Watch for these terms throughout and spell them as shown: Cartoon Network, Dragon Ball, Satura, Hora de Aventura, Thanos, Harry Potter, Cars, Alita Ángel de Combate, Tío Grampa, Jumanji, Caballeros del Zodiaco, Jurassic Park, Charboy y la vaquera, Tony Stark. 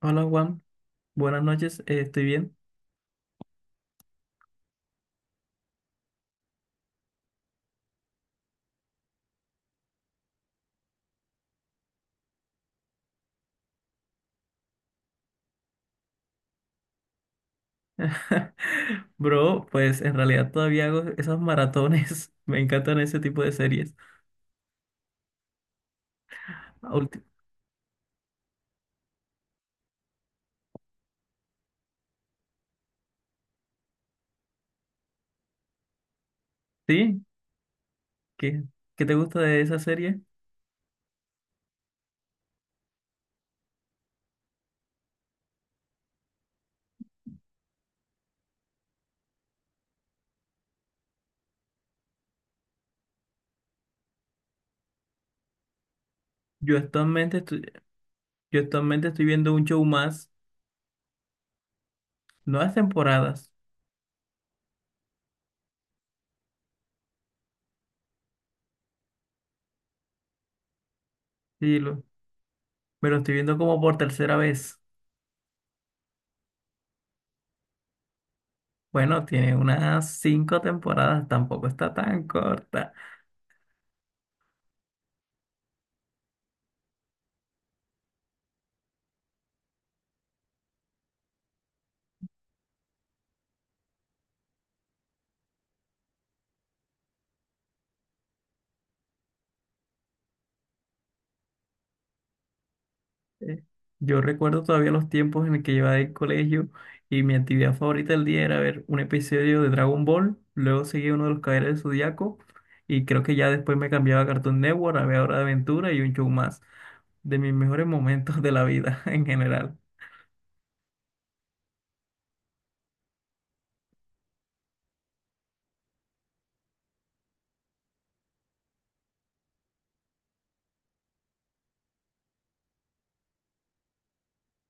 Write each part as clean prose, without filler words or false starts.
Hola Juan, buenas noches, estoy bien. Bro, pues en realidad todavía hago esos maratones, me encantan ese tipo de series. Ah, ulti- ¿Sí? ¿Qué, ¿qué te gusta de esa serie? Yo actualmente estoy, yo actualmente estoy viendo un show más, nuevas temporadas, sí, lo, me lo estoy viendo como por tercera vez. Bueno, tiene unas cinco temporadas, tampoco está tan corta. Eh, Yo recuerdo todavía los tiempos en el que llevaba el colegio y mi actividad favorita del día era ver un episodio de Dragon Ball, luego seguía uno de los Caballeros del Zodiaco y creo que ya después me cambiaba a Cartoon Network, a ver Hora de Aventura y un show más, de mis mejores momentos de la vida en general.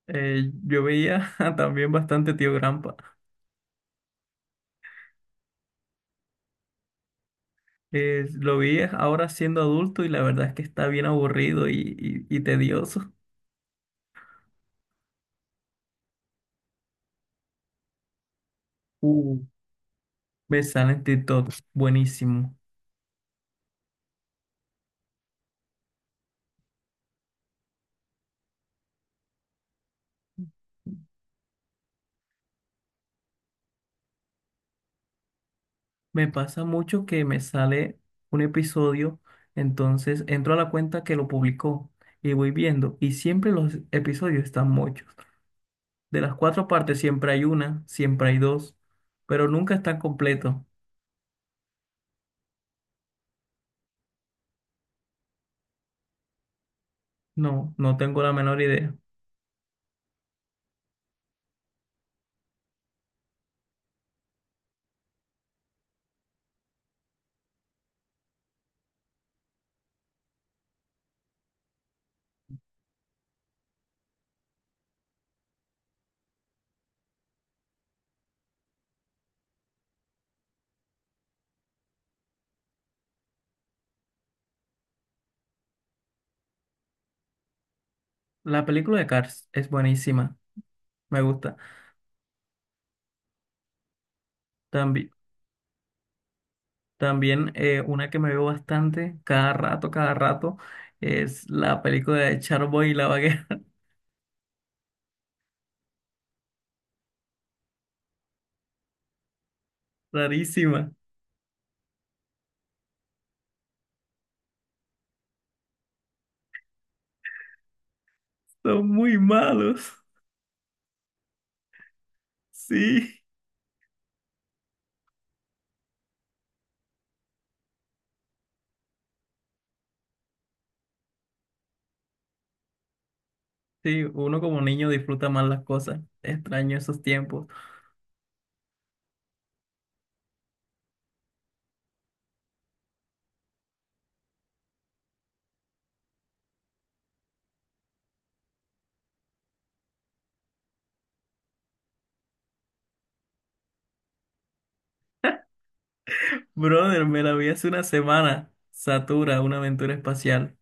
Yo veía también bastante Tío Grampa. Lo vi ahora siendo adulto y la verdad es que está bien aburrido y tedioso. Uh, Me sale en TikTok, buenísimo. Me pasa mucho que me sale un episodio, entonces entro a la cuenta que lo publicó y voy viendo, y siempre los episodios están muchos. De las cuatro partes siempre hay una, siempre hay dos, pero nunca están completos. No, no tengo la menor idea. La película de Cars es buenísima, me gusta. También, también una que me veo bastante, cada rato, es la película de Charboy y la vaquera, rarísima. Son muy malos. Sí. Sí, uno como niño disfruta más las cosas. Extraño esos tiempos. Brother, me la vi hace una semana. Satura, una aventura espacial.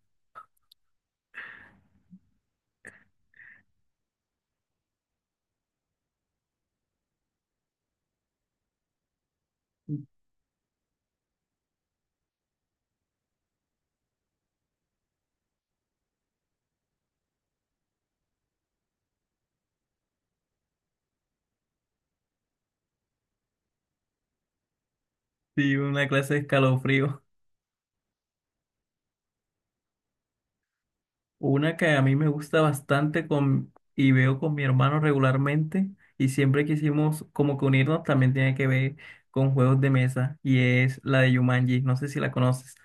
Sí, una clase de escalofrío. Una que a mí me gusta bastante con, y veo con mi hermano regularmente. Y siempre quisimos como que unirnos también tiene que ver con juegos de mesa. Y es la de Jumanji. No sé si la conoces.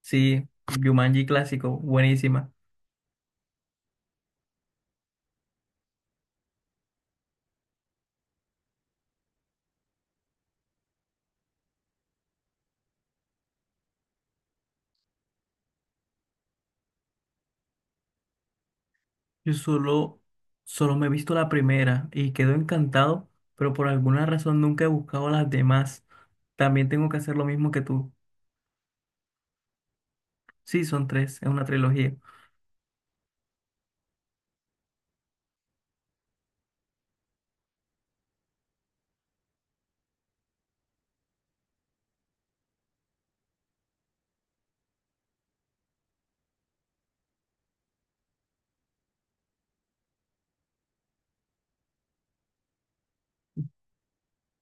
Sí, Jumanji clásico. Buenísima. Yo solo, solo me he visto la primera y quedo encantado, pero por alguna razón nunca he buscado las demás. También tengo que hacer lo mismo que tú. Sí, son tres, es una trilogía.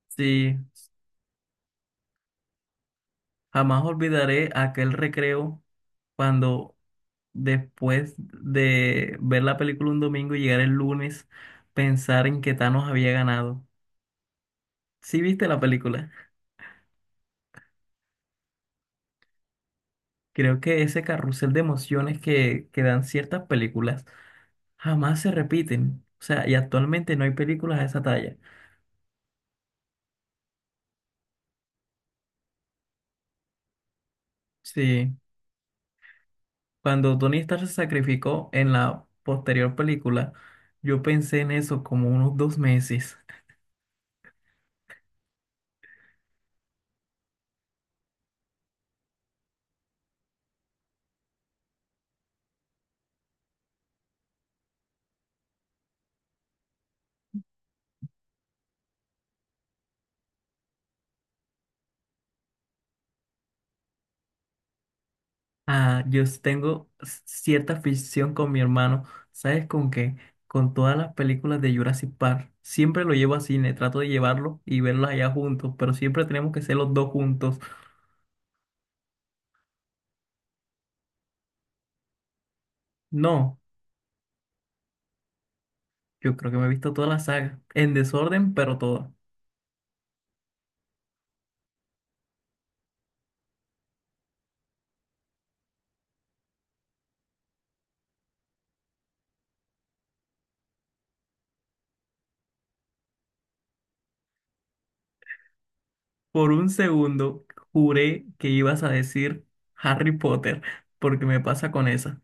Sí, jamás olvidaré aquel recreo cuando después de ver la película un domingo y llegar el lunes, pensar en que Thanos había ganado. ¿Sí viste la película? Creo que ese carrusel de emociones que dan ciertas películas jamás se repiten. O sea, y actualmente no hay películas de esa talla. Sí, cuando Tony Stark se sacrificó en la posterior película, yo pensé en eso como unos dos meses. Ah, cierta afición con mi hermano. ¿Sabes con qué? Con todas las películas de Jurassic Park. Siempre lo llevo a cine, trato de llevarlo y verlos allá juntos, pero siempre tenemos que ser los dos juntos. No, yo creo que me he visto toda la saga, en desorden, pero toda. Por un segundo juré que ibas a decir Harry Potter, porque me pasa con esa.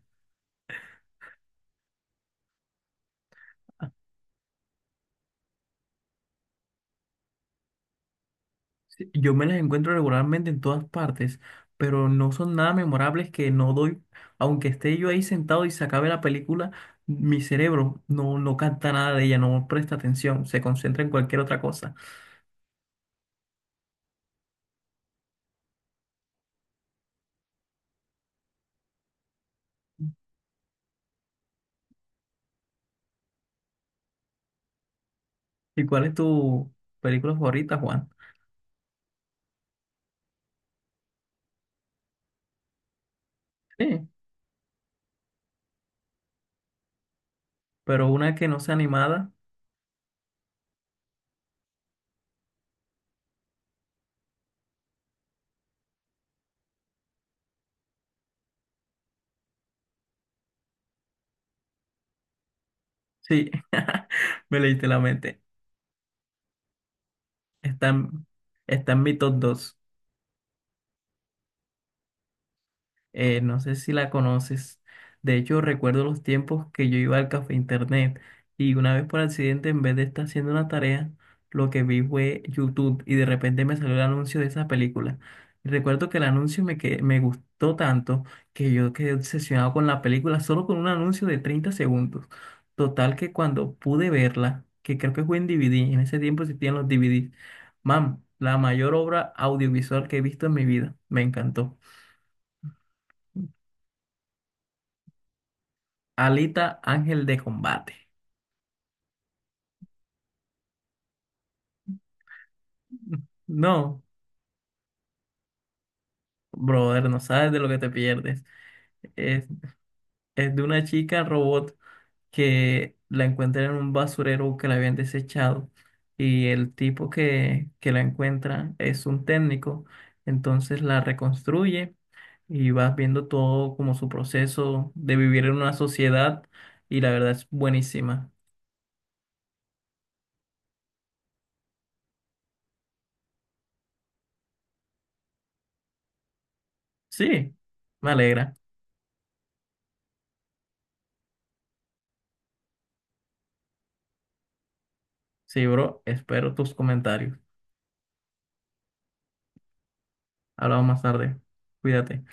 Sí, yo me las encuentro regularmente en todas partes, pero no son nada memorables que no doy, aunque esté yo ahí sentado y se acabe la película, mi cerebro no, no capta nada de ella, no presta atención, se concentra en cualquier otra cosa. ¿Y cuál es tu película favorita, Juan? Sí, pero una que no sea animada, sí, me leíste la mente. Está en, está en mi top 2. No sé si la conoces. De hecho, recuerdo los tiempos que yo iba al café internet y una vez por accidente, en vez de estar haciendo una tarea, lo que vi fue YouTube y de repente me salió el anuncio de esa película. Y recuerdo que el me gustó tanto que yo quedé obsesionado con la película solo con un anuncio de 30 segundos. Total que cuando pude verla, que creo que fue en DVD, en ese tiempo existían los DVDs, mam, la mayor obra audiovisual que he visto en mi vida, me encantó. Alita Ángel de Combate. No, brother, no sabes de lo que te pierdes. Es, es de una chica robot que la encuentra en un basurero que la habían desechado y el tipo que la encuentra es un técnico. Entonces la reconstruye y vas viendo todo como su proceso de vivir en una sociedad y la verdad es buenísima. Sí, me alegra. Sí, bro, espero tus comentarios. Hablamos más tarde. Cuídate.